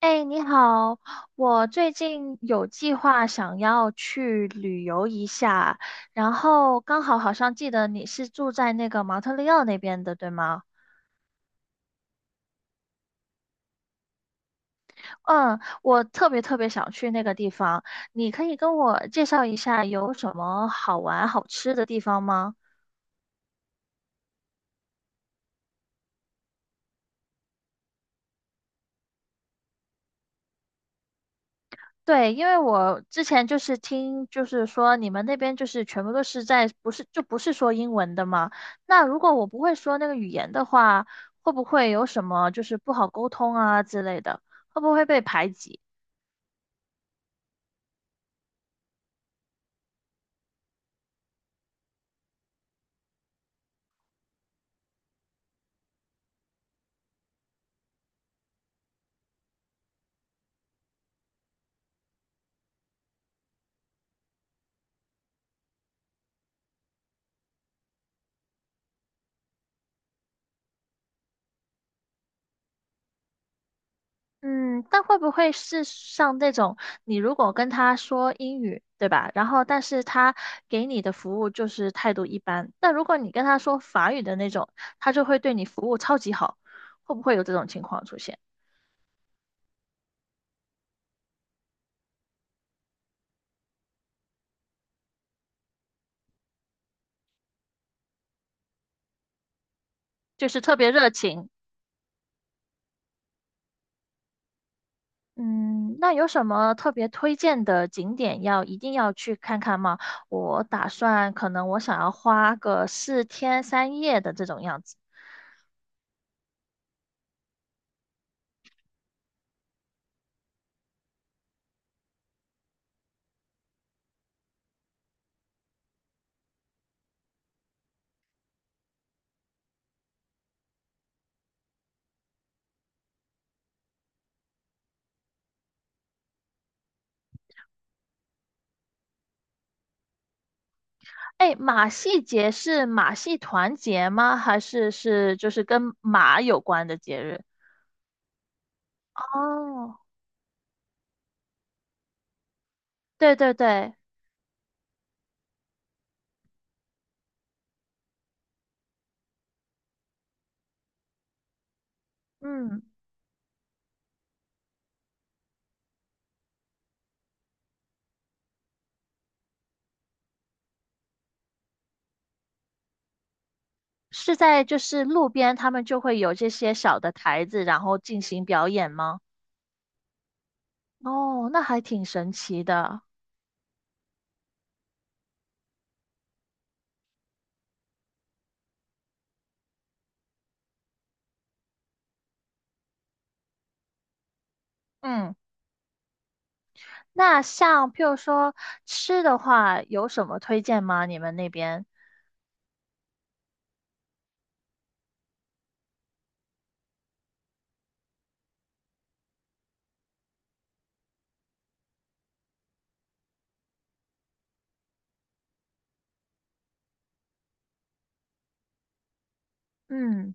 哎，你好，我最近有计划想要去旅游一下，然后刚好好像记得你是住在那个蒙特利尔那边的，对吗？嗯，我特别特别想去那个地方，你可以跟我介绍一下有什么好玩好吃的地方吗？对，因为我之前就是听，就是说你们那边就是全部都是在，不是，就不是说英文的嘛。那如果我不会说那个语言的话，会不会有什么就是不好沟通啊之类的？会不会被排挤？嗯，但会不会是像那种你如果跟他说英语，对吧？然后但是他给你的服务就是态度一般，但如果你跟他说法语的那种，他就会对你服务超级好，会不会有这种情况出现？就是特别热情。嗯，那有什么特别推荐的景点要一定要去看看吗？我打算可能我想要花个四天三夜的这种样子。哎，马戏节是马戏团节吗？还是是就是跟马有关的节日？哦，对对对，嗯，是在就是路边他们就会有这些小的台子，然后进行表演吗？哦，那还挺神奇的。嗯。那像譬如说吃的话，有什么推荐吗？你们那边？嗯，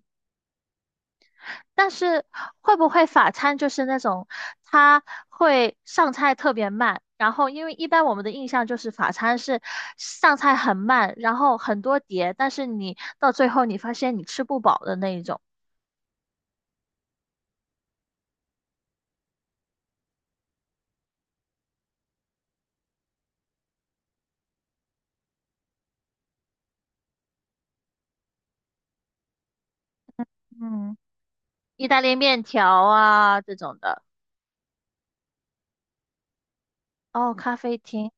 但是会不会法餐就是那种它会上菜特别慢，然后因为一般我们的印象就是法餐是上菜很慢，然后很多碟，但是你到最后你发现你吃不饱的那一种。嗯，意大利面条啊这种的。哦，咖啡厅。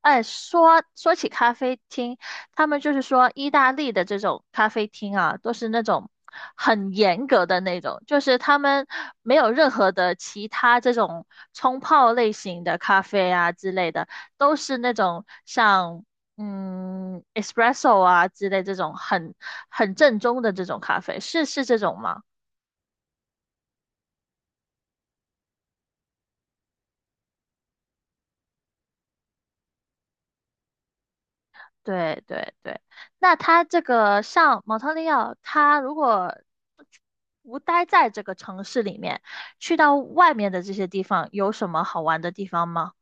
哎，说起咖啡厅，他们就是说意大利的这种咖啡厅啊，都是那种很严格的那种，就是他们没有任何的其他这种冲泡类型的咖啡啊之类的，都是那种像espresso 啊之类这种很很正宗的这种咖啡，是是这种吗？对对对，那他这个像蒙特利尔，他如果不待在这个城市里面，去到外面的这些地方，有什么好玩的地方吗？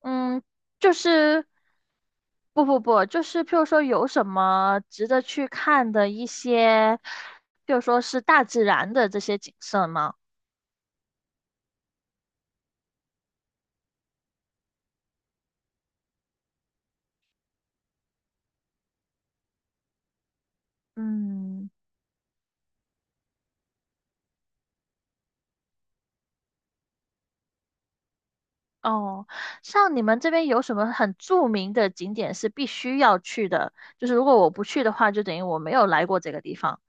嗯，就是不不不，就是譬如说有什么值得去看的一些，譬如说是大自然的这些景色吗？嗯。哦，像你们这边有什么很著名的景点是必须要去的？就是如果我不去的话，就等于我没有来过这个地方。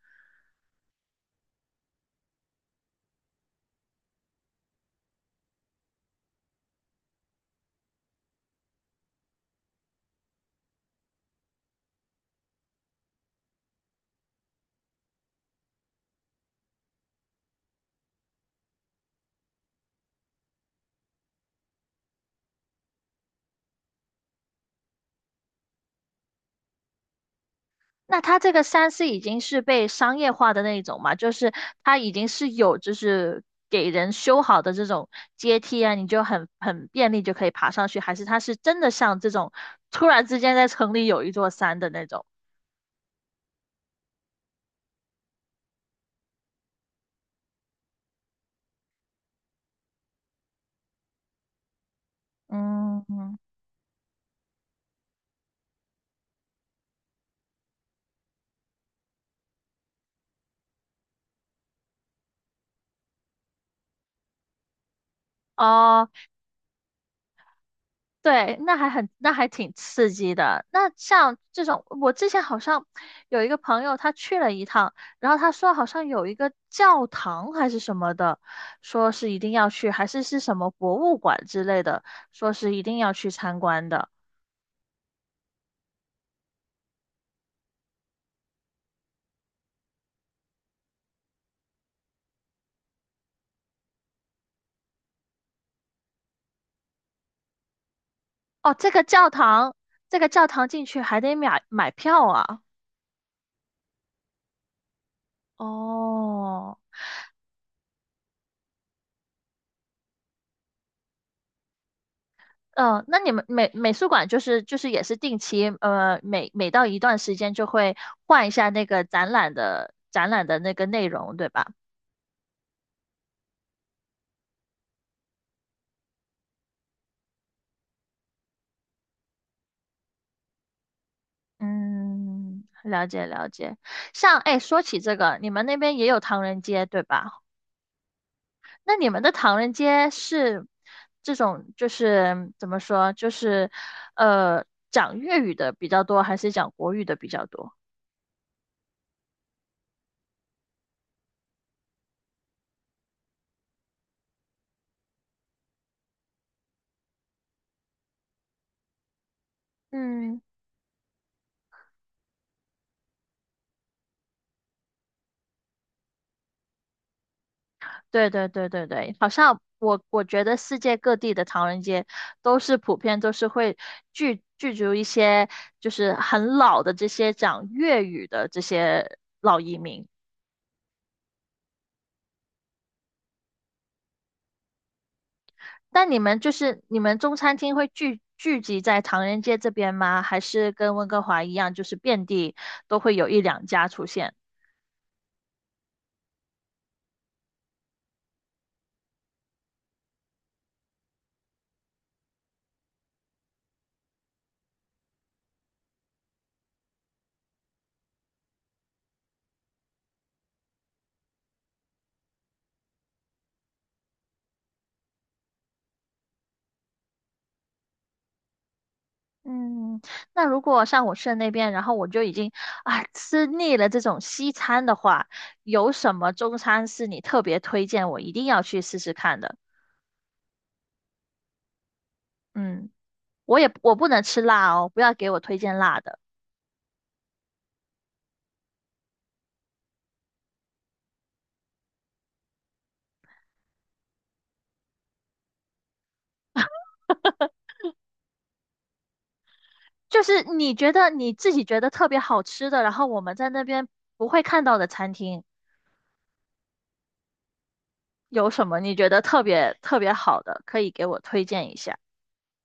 那它这个山是已经是被商业化的那一种嘛？就是它已经是有就是给人修好的这种阶梯啊，你就很很便利就可以爬上去，还是它是真的像这种突然之间在城里有一座山的那种？嗯，哦。对，那还很，那还挺刺激的。那像这种，我之前好像有一个朋友，他去了一趟，然后他说好像有一个教堂还是什么的，说是一定要去，还是是什么博物馆之类的，说是一定要去参观的。哦，这个教堂，这个教堂进去还得买票啊。哦。嗯，那你们美美术馆就是就是也是定期，每每到一段时间就会换一下那个展览的展览的那个内容，对吧？嗯，了解了解。像哎，说起这个，你们那边也有唐人街，对吧？那你们的唐人街是这种就是怎么说，就是呃讲粤语的比较多，还是讲国语的比较多？嗯。对对对对对，好像我我觉得世界各地的唐人街都是普遍都是会聚聚集一些就是很老的这些讲粤语的这些老移民。但你们就是你们中餐厅会聚聚集在唐人街这边吗？还是跟温哥华一样，就是遍地都会有一两家出现？嗯，那如果像我去的那边，然后我就已经啊吃腻了这种西餐的话，有什么中餐是你特别推荐我一定要去试试看的？嗯，我也我不能吃辣哦，不要给我推荐辣的。就是你觉得你自己觉得特别好吃的，然后我们在那边不会看到的餐厅，有什么你觉得特别特别好的，可以给我推荐一下？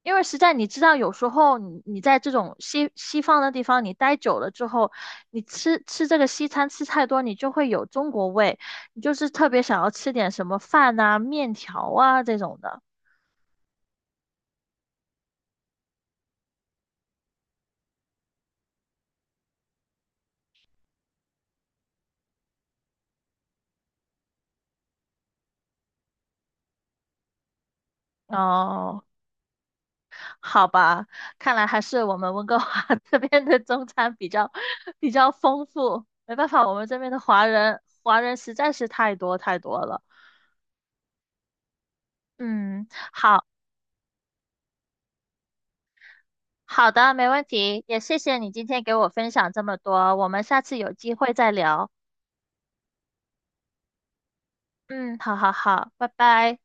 因为实在你知道，有时候你你在这种西西方的地方你待久了之后，你吃吃这个西餐吃太多，你就会有中国味，你就是特别想要吃点什么饭啊、面条啊这种的。哦，好吧，看来还是我们温哥华 这边的中餐比较比较丰富。没办法，我们这边的华人华人实在是太多太多了。嗯，好。好的，没问题，也谢谢你今天给我分享这么多，我们下次有机会再聊。嗯，好好好，拜拜。